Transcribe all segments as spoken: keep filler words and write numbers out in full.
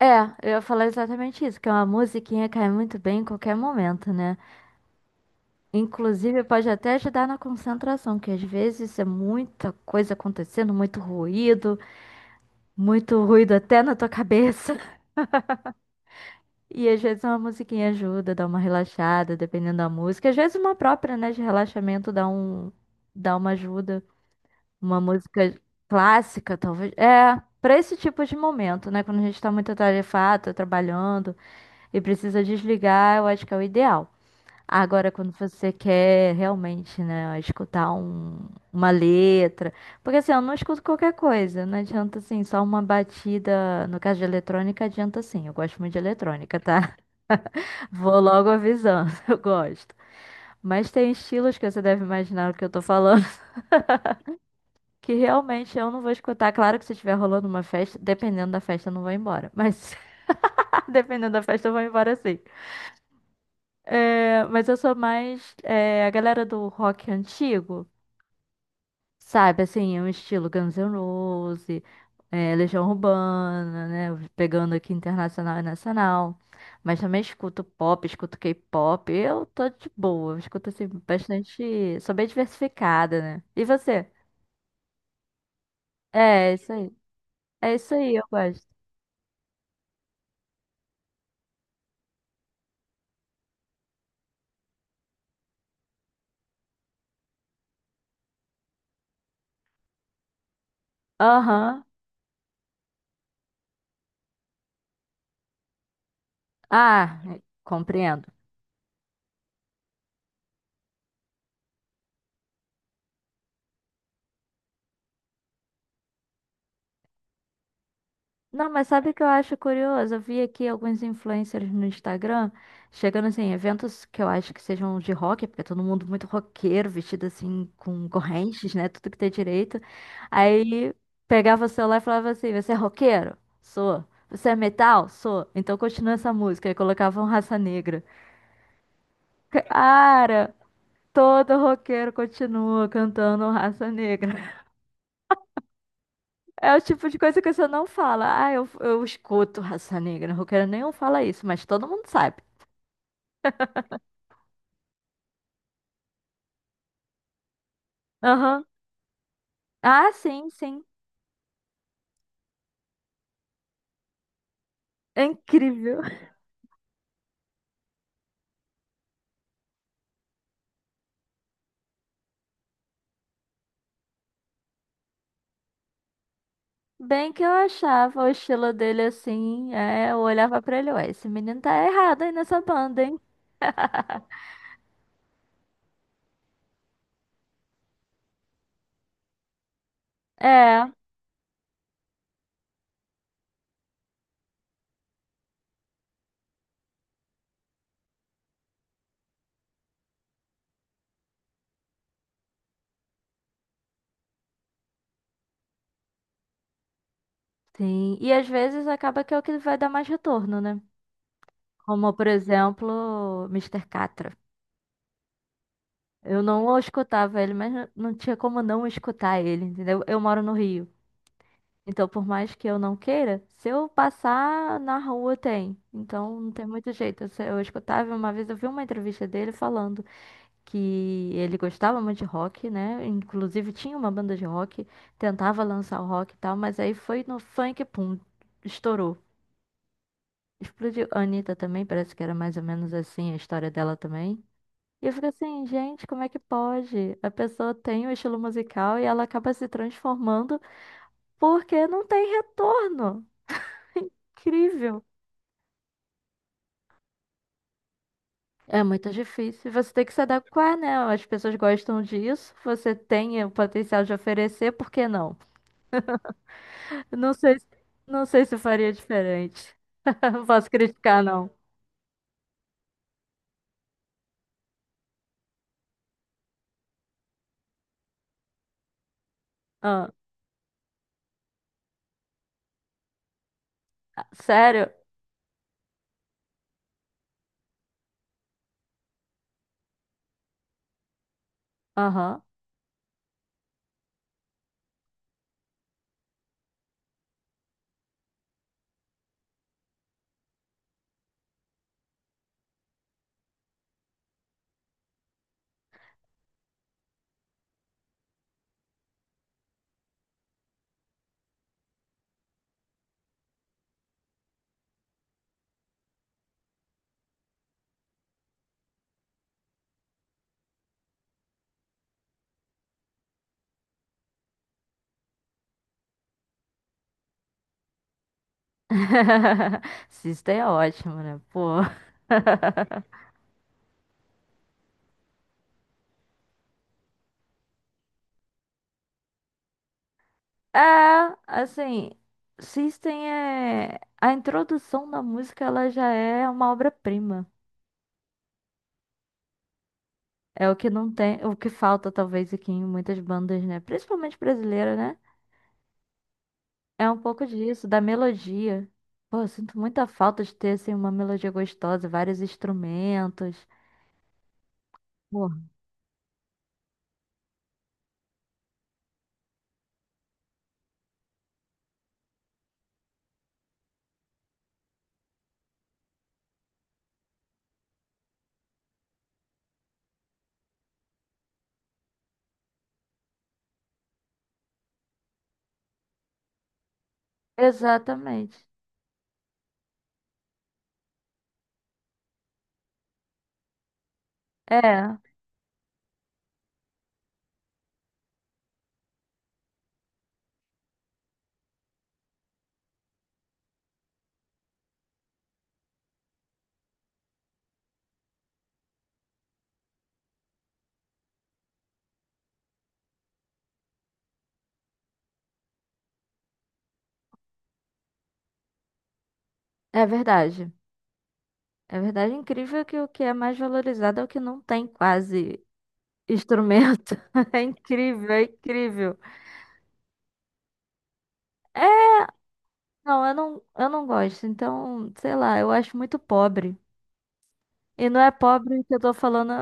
É, eu ia falar exatamente isso, que é uma musiquinha cai muito bem em qualquer momento, né? Inclusive, pode até ajudar na concentração, que às vezes é muita coisa acontecendo, muito ruído, muito ruído até na tua cabeça. E às vezes uma musiquinha ajuda, dá uma relaxada, dependendo da música. Às vezes uma própria, né, de relaxamento dá um, dá uma ajuda. Uma música clássica, talvez. É, pra esse tipo de momento, né? Quando a gente tá muito atarefado, tá trabalhando e precisa desligar, eu acho que é o ideal. Agora, quando você quer realmente, né, escutar um- uma letra. Porque assim, eu não escuto qualquer coisa. Não adianta assim, só uma batida. No caso de eletrônica, adianta sim. Eu gosto muito de eletrônica, tá? Vou logo avisando, eu gosto. Mas tem estilos que você deve imaginar o que eu tô falando, que realmente eu não vou escutar. Claro que se estiver rolando uma festa, dependendo da festa, eu não vou embora. Mas dependendo da festa, eu vou embora sim. É, mas eu sou mais é, a galera do rock antigo. Sabe, assim, é um estilo Guns N' Roses, é, Legião Urbana, né? Pegando aqui internacional e nacional. Mas também escuto pop, escuto K-pop. Eu tô de boa, eu escuto assim bastante. Sou bem diversificada, né? E você? É, é isso aí. É isso aí, eu gosto. Aham. Ah, compreendo. Não, mas sabe o que eu acho curioso? Eu vi aqui alguns influencers no Instagram chegando assim, em eventos que eu acho que sejam de rock, porque é todo mundo muito roqueiro, vestido assim, com correntes, né? Tudo que tem direito. Aí pegava o celular e falava assim: Você é roqueiro? Sou. Você é metal? Sou. Então continua essa música. Aí colocavam Raça Negra. Cara, todo roqueiro continua cantando Raça Negra. É o tipo de coisa que você não fala. Ah, eu, eu escuto raça negra. Roqueiro nenhum fala isso, mas todo mundo sabe. Aham. Ah, sim, sim. É incrível. Bem que eu achava o estilo dele assim. É, eu olhava pra ele, ué, esse menino tá errado aí nessa banda, hein? É, sim. E às vezes acaba que é o que vai dar mais retorno, né? Como, por exemplo, Mister Catra. Eu não o escutava ele, mas não não tinha como não escutar ele, entendeu? Eu moro no Rio. Então, por mais que eu não queira, se eu passar na rua, tem. Então, não tem muito jeito. Eu, se- eu escutava, uma vez eu vi uma entrevista dele falando que ele gostava muito de rock, né? Inclusive, tinha uma banda de rock, tentava lançar o rock e tal, mas aí foi no funk, pum, estourou. Explodiu. A Anitta também, parece que era mais ou menos assim a história dela também. E eu fico assim, gente, como é que pode? A pessoa tem o estilo musical e ela acaba se transformando porque não tem retorno. Incrível. É muito difícil. Você tem que se adequar, né? As pessoas gostam disso. Você tem o potencial de oferecer, por que não? Não sei, se- não sei se eu faria diferente. Não posso criticar, não. Ah, sério? Aham. System é ótimo, né? Pô. É, assim, System é. A introdução da música, ela já é uma obra-prima. É o que não tem, o que falta talvez aqui em muitas bandas, né? Principalmente brasileira, né? É um pouco disso, da melodia. Pô, eu sinto muita falta de ter assim uma melodia gostosa, vários instrumentos. Pô, exatamente. É, é verdade. É verdade, é incrível que o que é mais valorizado é o que não tem quase instrumento. É incrível, é incrível. É, Não, eu não, eu não gosto. Então, sei lá, eu acho muito pobre. E não é pobre que eu tô falando,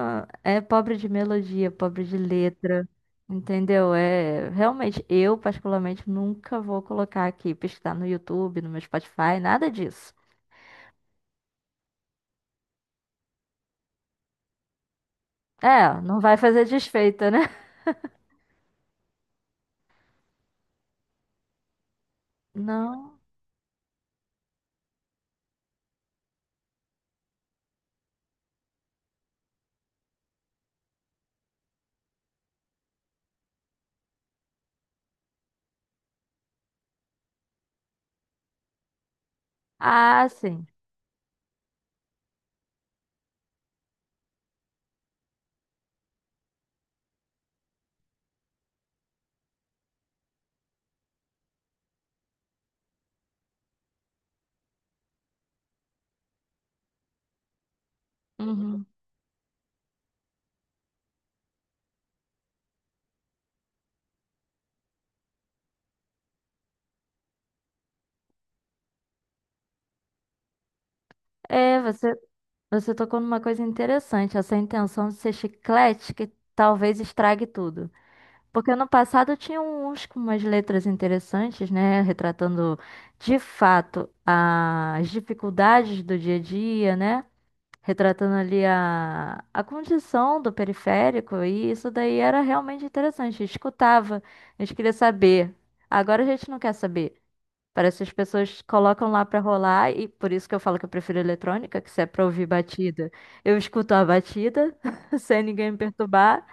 é pobre de melodia, pobre de letra, entendeu? É, realmente, eu particularmente nunca vou colocar aqui, pesquisar no YouTube, no meu Spotify, nada disso. É, não vai fazer desfeita, né? Não. Ah, sim. Uhum. É, você, você tocou numa coisa interessante, essa intenção de ser chiclete que talvez estrague tudo. Porque no passado tinha uns com umas letras interessantes, né? Retratando de fato as dificuldades do dia a dia, né? Retratando ali a, a condição do periférico, e isso daí era realmente interessante. A gente escutava, a gente queria saber. Agora a gente não quer saber. Parece que as pessoas colocam lá pra rolar, e por isso que eu falo que eu prefiro eletrônica, que se é pra ouvir batida, eu escuto a batida, sem ninguém me perturbar.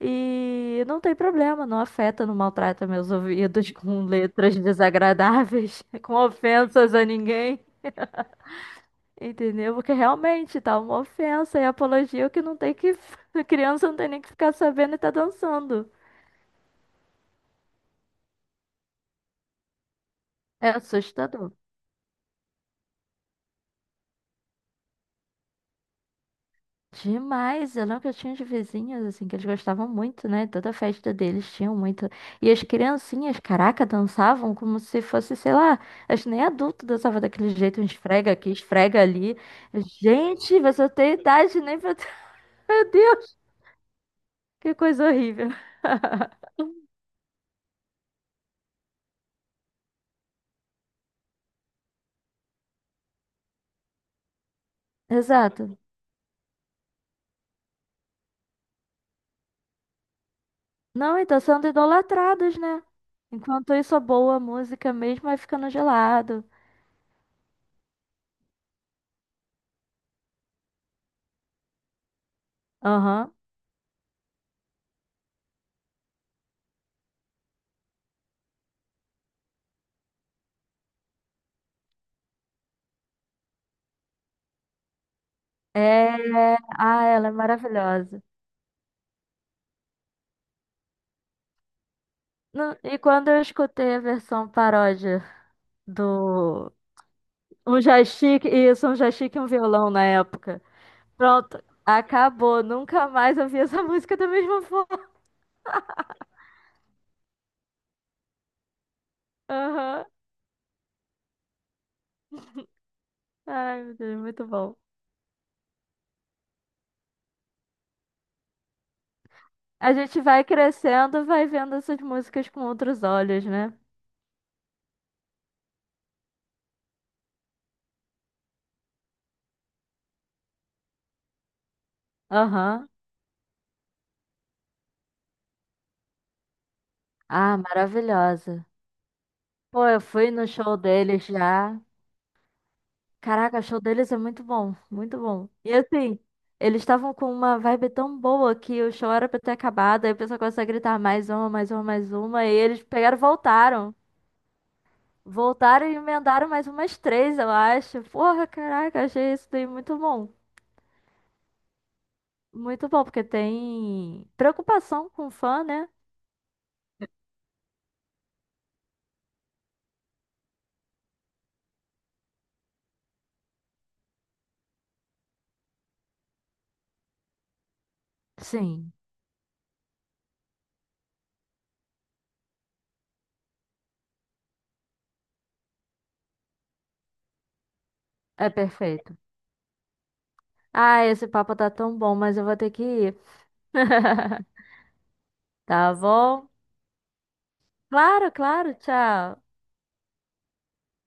E não tem problema, não afeta, não maltrata meus ouvidos com letras desagradáveis, com ofensas a ninguém, entendeu? Porque realmente tá uma ofensa e apologia que não tem que. A criança não tem nem que ficar sabendo e tá dançando. É assustador. Demais, eu lembro que eu tinha de vizinhos, assim, que eles gostavam muito, né? Toda festa deles tinham muito. E as criancinhas, caraca, dançavam como se fosse, sei lá, acho que nem adulto dançava daquele jeito, um esfrega aqui, esfrega ali. Gente, você tem idade nem pra. Meu Deus, que coisa horrível. Exato. Não, e tá sendo idolatrados, né? Enquanto isso, a boa música mesmo vai ficando gelado. Aham. É, ah, ela é maravilhosa. Não, E quando eu escutei a versão paródia do um joystick, isso, um joystick e um violão na época. Pronto, acabou. Nunca mais ouvi essa música da mesma forma. Aham. Ai, meu Deus, muito bom. A gente vai crescendo, vai vendo essas músicas com outros olhos, né? Aham. Ah, maravilhosa. Pô, eu fui no show deles já. Caraca, o show deles é muito bom, muito bom. E assim, eles estavam com uma vibe tão boa que o show era pra ter acabado, aí o pessoal começou a gritar mais uma, mais uma, mais uma, e eles pegaram e voltaram. Voltaram e emendaram mais umas três, eu acho. Porra, caraca, achei isso daí muito bom. Muito bom, porque tem preocupação com o fã, né? Sim, é perfeito. Ah, esse papo tá tão bom, mas eu vou ter que ir. Tá bom? Claro, claro, tchau.